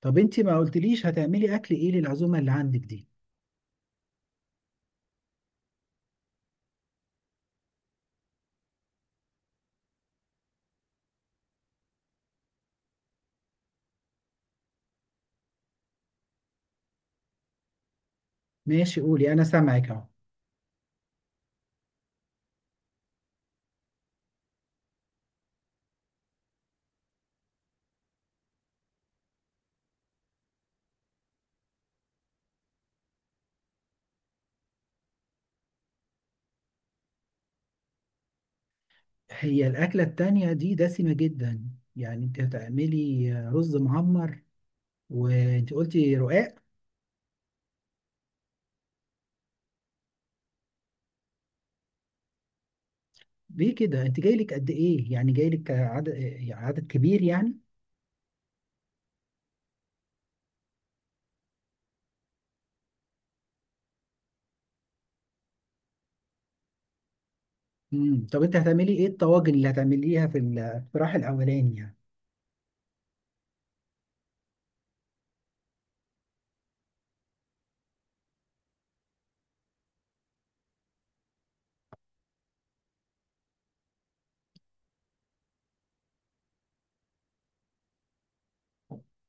طب انت ما قلتليش هتعملي اكل ايه للعزومه اللي عندك دي؟ ماشي، قولي انا سامعك اهو. هي الاكله التانية دي دسمه جدا، يعني انت هتعملي رز معمر وانت قلتي رقاق. ليه كده؟ انت جايلك قد ايه؟ يعني جايلك عدد كبير يعني. طب انت هتعملي ايه الطواجن اللي هتعمليها في الاقتراح الاولاني يعني؟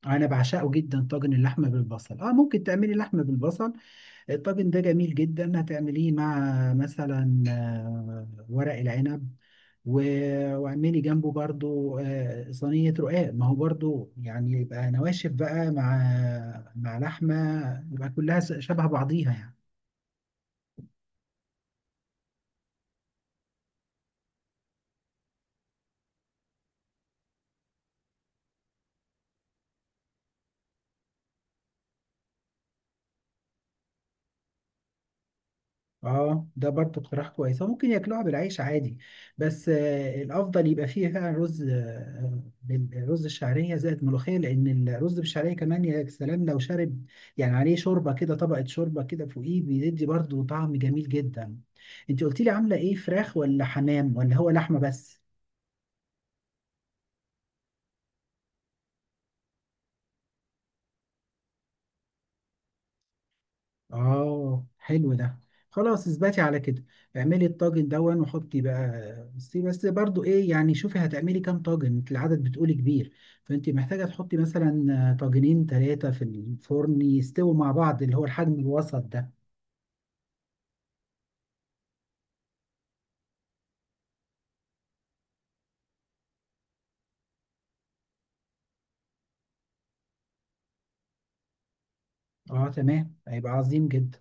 انا بعشقه جدا طاجن اللحمه بالبصل، اه ممكن تعملي لحمه بالبصل، الطاجن ده جميل جدا. هتعمليه مع مثلا ورق العنب، واعملي جنبه برضو صينية رقاق، ما هو برضو يعني يبقى نواشف بقى مع مع لحمة، يبقى كلها شبه بعضيها يعني. اه، ده برضه اقتراح كويس، هو ممكن ياكلوها بالعيش عادي، بس الافضل يبقى فيه فعلا رز، رز الشعريه زائد ملوخيه، لان الرز بالشعريه كمان يا سلام لو شارب يعني عليه شوربه كده، طبقه شوربه كده فوقيه بيدي برضه طعم جميل جدا. انت قلت لي عامله ايه؟ فراخ ولا حمام ولا هو لحمه بس؟ اه، حلو ده، خلاص اثبتي على كده، اعملي الطاجن دون وحطي بقى. بس برضو ايه يعني، شوفي هتعملي كام طاجن، انت العدد بتقولي كبير، فانت محتاجة تحطي مثلا طاجنين 3 في الفرن يستووا مع بعض اللي هو الحجم الوسط ده. اه تمام، هيبقى عظيم جدا،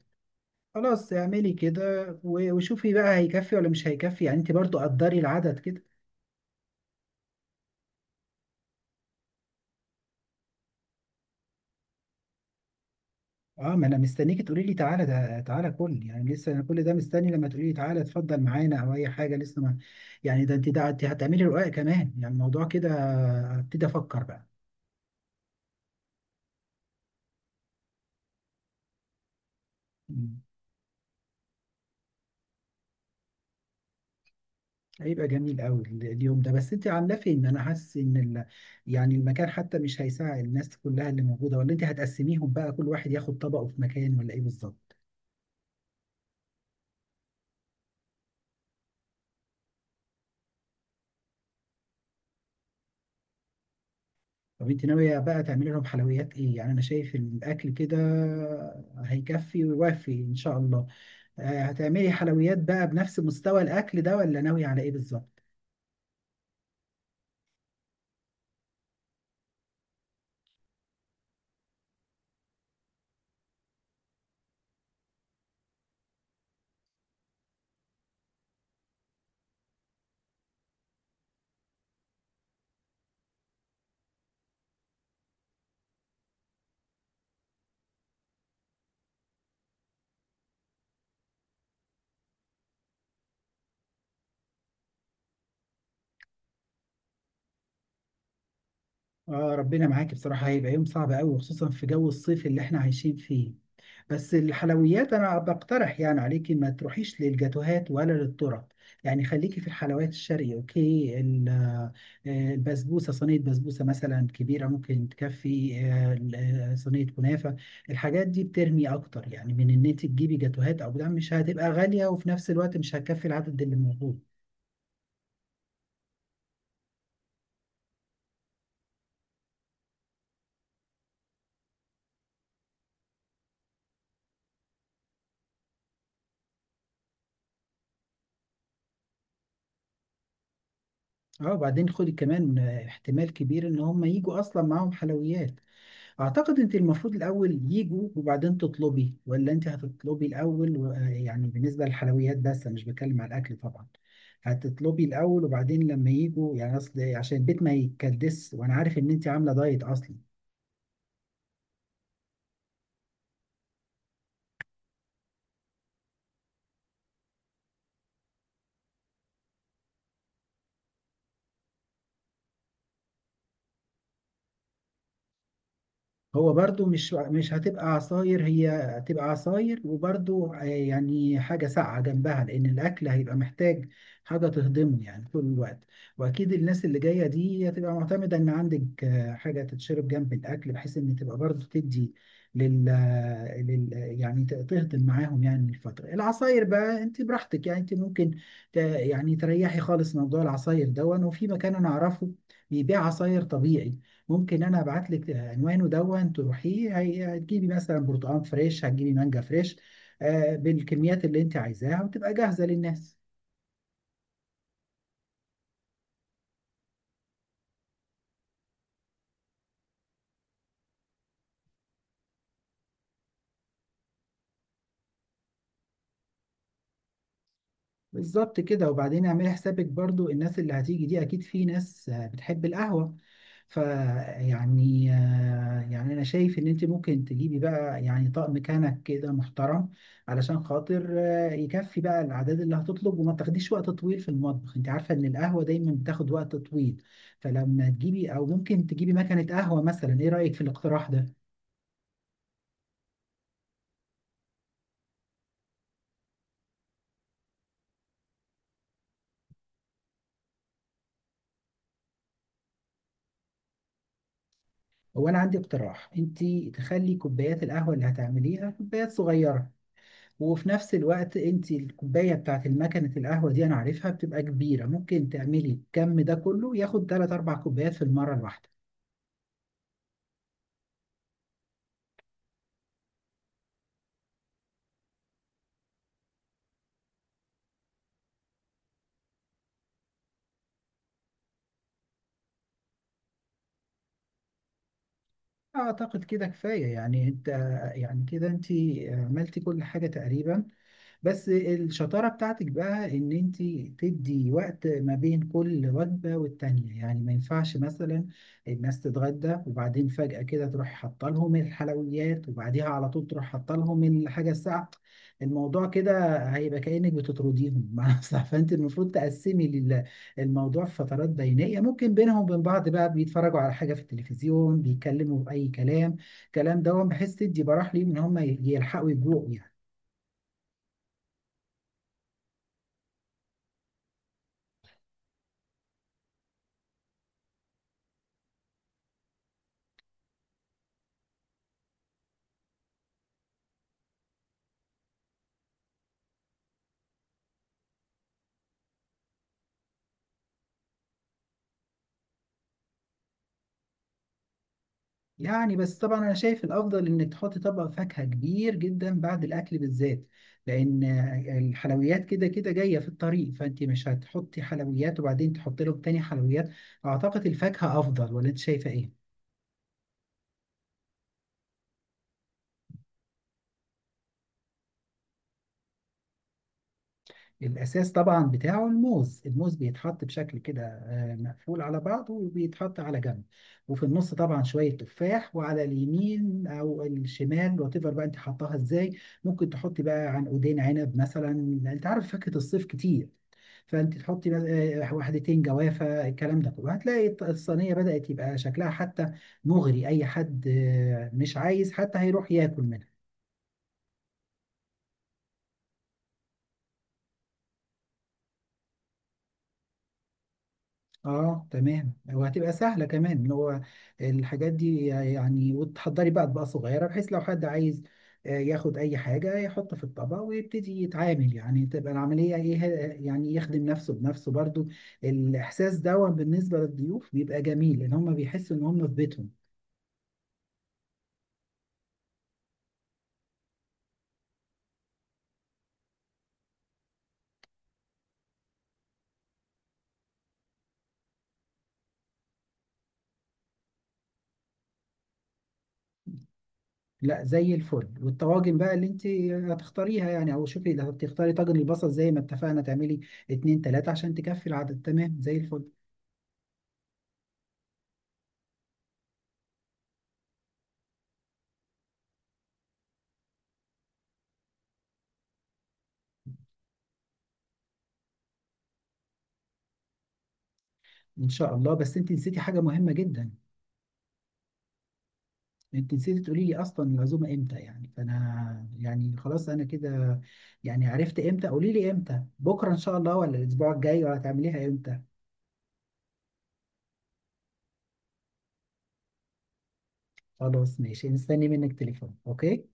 خلاص اعملي كده، وشوفي بقى هيكفي ولا مش هيكفي، يعني انت برضو قدري العدد كده. اه، ما انا مستنيك تقولي لي تعالى، ده تعالى كل يعني، لسه انا كل ده مستني لما تقولي لي تعالى اتفضل معانا او اي حاجه لسه ما. يعني ده انت، ده انت هتعملي رقاق كمان يعني، الموضوع كده هبتدي افكر بقى. مم. هيبقى جميل قوي اليوم ده، بس انت عامله فين؟ انا حاسس ان ال... يعني المكان حتى مش هيساعد الناس كلها اللي موجوده، ولا انت هتقسميهم بقى كل واحد ياخد طبقه في مكان ولا ايه بالظبط؟ طب انت ناويه بقى تعملي لهم حلويات ايه؟ يعني انا شايف الاكل كده هيكفي ويوفي ان شاء الله. هتعملي حلويات بقى بنفس مستوى الاكل ده ولا ناوي على ايه بالظبط؟ اه ربنا معاكي، بصراحه هيبقى يوم صعب قوي، خصوصا في جو الصيف اللي احنا عايشين فيه. بس الحلويات انا بقترح يعني عليكي ما تروحيش للجاتوهات ولا للطرق، يعني خليكي في الحلويات الشرقي. اوكي، البسبوسه، صينيه بسبوسه مثلا كبيره ممكن تكفي، صينيه كنافه. الحاجات دي بترمي اكتر يعني من ان انت تجيبي جاتوهات، او ده مش هتبقى غاليه وفي نفس الوقت مش هتكفي العدد اللي موجود. اه، وبعدين خدي كمان احتمال كبير ان هم يجوا اصلا معاهم حلويات. اعتقد انت المفروض الاول يجوا وبعدين تطلبي، ولا انت هتطلبي الاول يعني بالنسبه للحلويات بس، انا مش بتكلم على الاكل طبعا. هتطلبي الاول وبعدين لما يجوا يعني، اصل عشان البيت ما يتكدس، وانا عارف ان انت عامله دايت اصلا. هو برضو مش هتبقى عصاير، هي هتبقى عصاير وبرضو يعني حاجة ساقعة جنبها، لأن الأكل هيبقى محتاج حاجة تهضمه يعني طول الوقت. وأكيد الناس اللي جاية دي هتبقى معتمدة إن عندك حاجة تتشرب جنب الأكل بحيث إن تبقى برضو تدي لل, آه، لل... آه، يعني ت- تهضم معاهم يعني الفترة. العصاير بقى أنت براحتك، يعني أنت ممكن يعني تريحي خالص موضوع العصاير دون. وفي مكان أنا أعرفه بيبيع عصاير طبيعي، ممكن انا ابعت لك عنوانه دون تروحيه. هتجيبي مثلا برتقال فريش، هتجيبي مانجا فريش، بالكميات اللي انت عايزاها وتبقى جاهزه للناس. بالظبط كده. وبعدين اعملي حسابك برضو، الناس اللي هتيجي دي اكيد في ناس بتحب القهوة، فيعني يعني انا شايف ان انت ممكن تجيبي بقى يعني طقم كنك كده محترم، علشان خاطر يكفي بقى الاعداد اللي هتطلب وما تاخديش وقت طويل في المطبخ. انت عارفة ان القهوة دايما بتاخد وقت طويل، فلما تجيبي او ممكن تجيبي مكنة قهوة مثلا، ايه رأيك في الاقتراح ده؟ هو انا عندي اقتراح، انت تخلي كوبايات القهوة اللي هتعمليها كوبايات صغيرة، وفي نفس الوقت انت الكوبايه بتاعت المكنه القهوه دي انا عارفها بتبقى كبيره، ممكن تعملي الكم ده كله ياخد 3 4 كوبايات في المره الواحده. اعتقد كده كفايه، يعني انت يعني كده انت عملتي كل حاجه تقريبا، بس الشطارة بتاعتك بقى ان انت تدي وقت ما بين كل وجبة والتانية، يعني ما ينفعش مثلا الناس تتغدى وبعدين فجأة كده تروح حاطة لهم الحلويات وبعديها على طول تروح حاطة لهم الحاجة الساقعة، الموضوع كده هيبقى كأنك بتطرديهم مع نفسها. فانت المفروض تقسمي الموضوع في فترات بينية، ممكن بينهم وبين بعض بقى بيتفرجوا على حاجة في التلفزيون، بيتكلموا بأي كلام، كلام دوت، بحيث تدي براح ليهم ان هم يلحقوا يجوعوا يعني. يعني بس طبعا انا شايف الافضل انك تحط طبق فاكهه كبير جدا بعد الاكل بالذات، لان الحلويات كده كده جايه في الطريق، فانت مش هتحطي حلويات وبعدين تحطي لهم تاني حلويات، اعتقد الفاكهه افضل، ولا انت شايفه ايه؟ الأساس طبعا بتاعه الموز، الموز بيتحط بشكل كده مقفول على بعضه وبيتحط على جنب، وفي النص طبعا شوية تفاح، وعلى اليمين أو الشمال وات ايفر بقى أنت حطاها إزاي. ممكن تحطي بقى عنقودين عنب مثلا، أنت عارف فاكهة الصيف كتير، فأنت تحطي واحدتين جوافة، الكلام ده كله هتلاقي الصينية بدأت يبقى شكلها حتى مغري، أي حد مش عايز حتى هيروح ياكل منها. اه تمام، وهتبقى سهله كمان اللي هو الحاجات دي يعني، وتحضري بقى اطباق صغيره بحيث لو حد عايز ياخد اي حاجه يحط في الطبق ويبتدي يتعامل، يعني تبقى العمليه ايه يعني يخدم نفسه بنفسه برضو. الاحساس ده بالنسبه للضيوف بيبقى جميل ان هم بيحسوا ان هم في بيتهم. لا، زي الفل، والطواجن بقى اللي انت هتختاريها يعني، او شوفي اللي هتختاري، طاجن البصل زي ما اتفقنا تعملي 2 3 عشان تكفي العدد، تمام زي الفل. ان شاء الله. بس انت نسيتي حاجه مهمه جدا. انت نسيتي تقولي لي اصلا العزومه امتى يعني، فانا يعني خلاص انا كده يعني عرفت امتى، قولي لي امتى، بكره ان شاء الله ولا الاسبوع الجاي ولا هتعمليها امتى؟ خلاص ماشي، مستني منك تليفون، اوكي.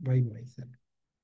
باي باي، سلام.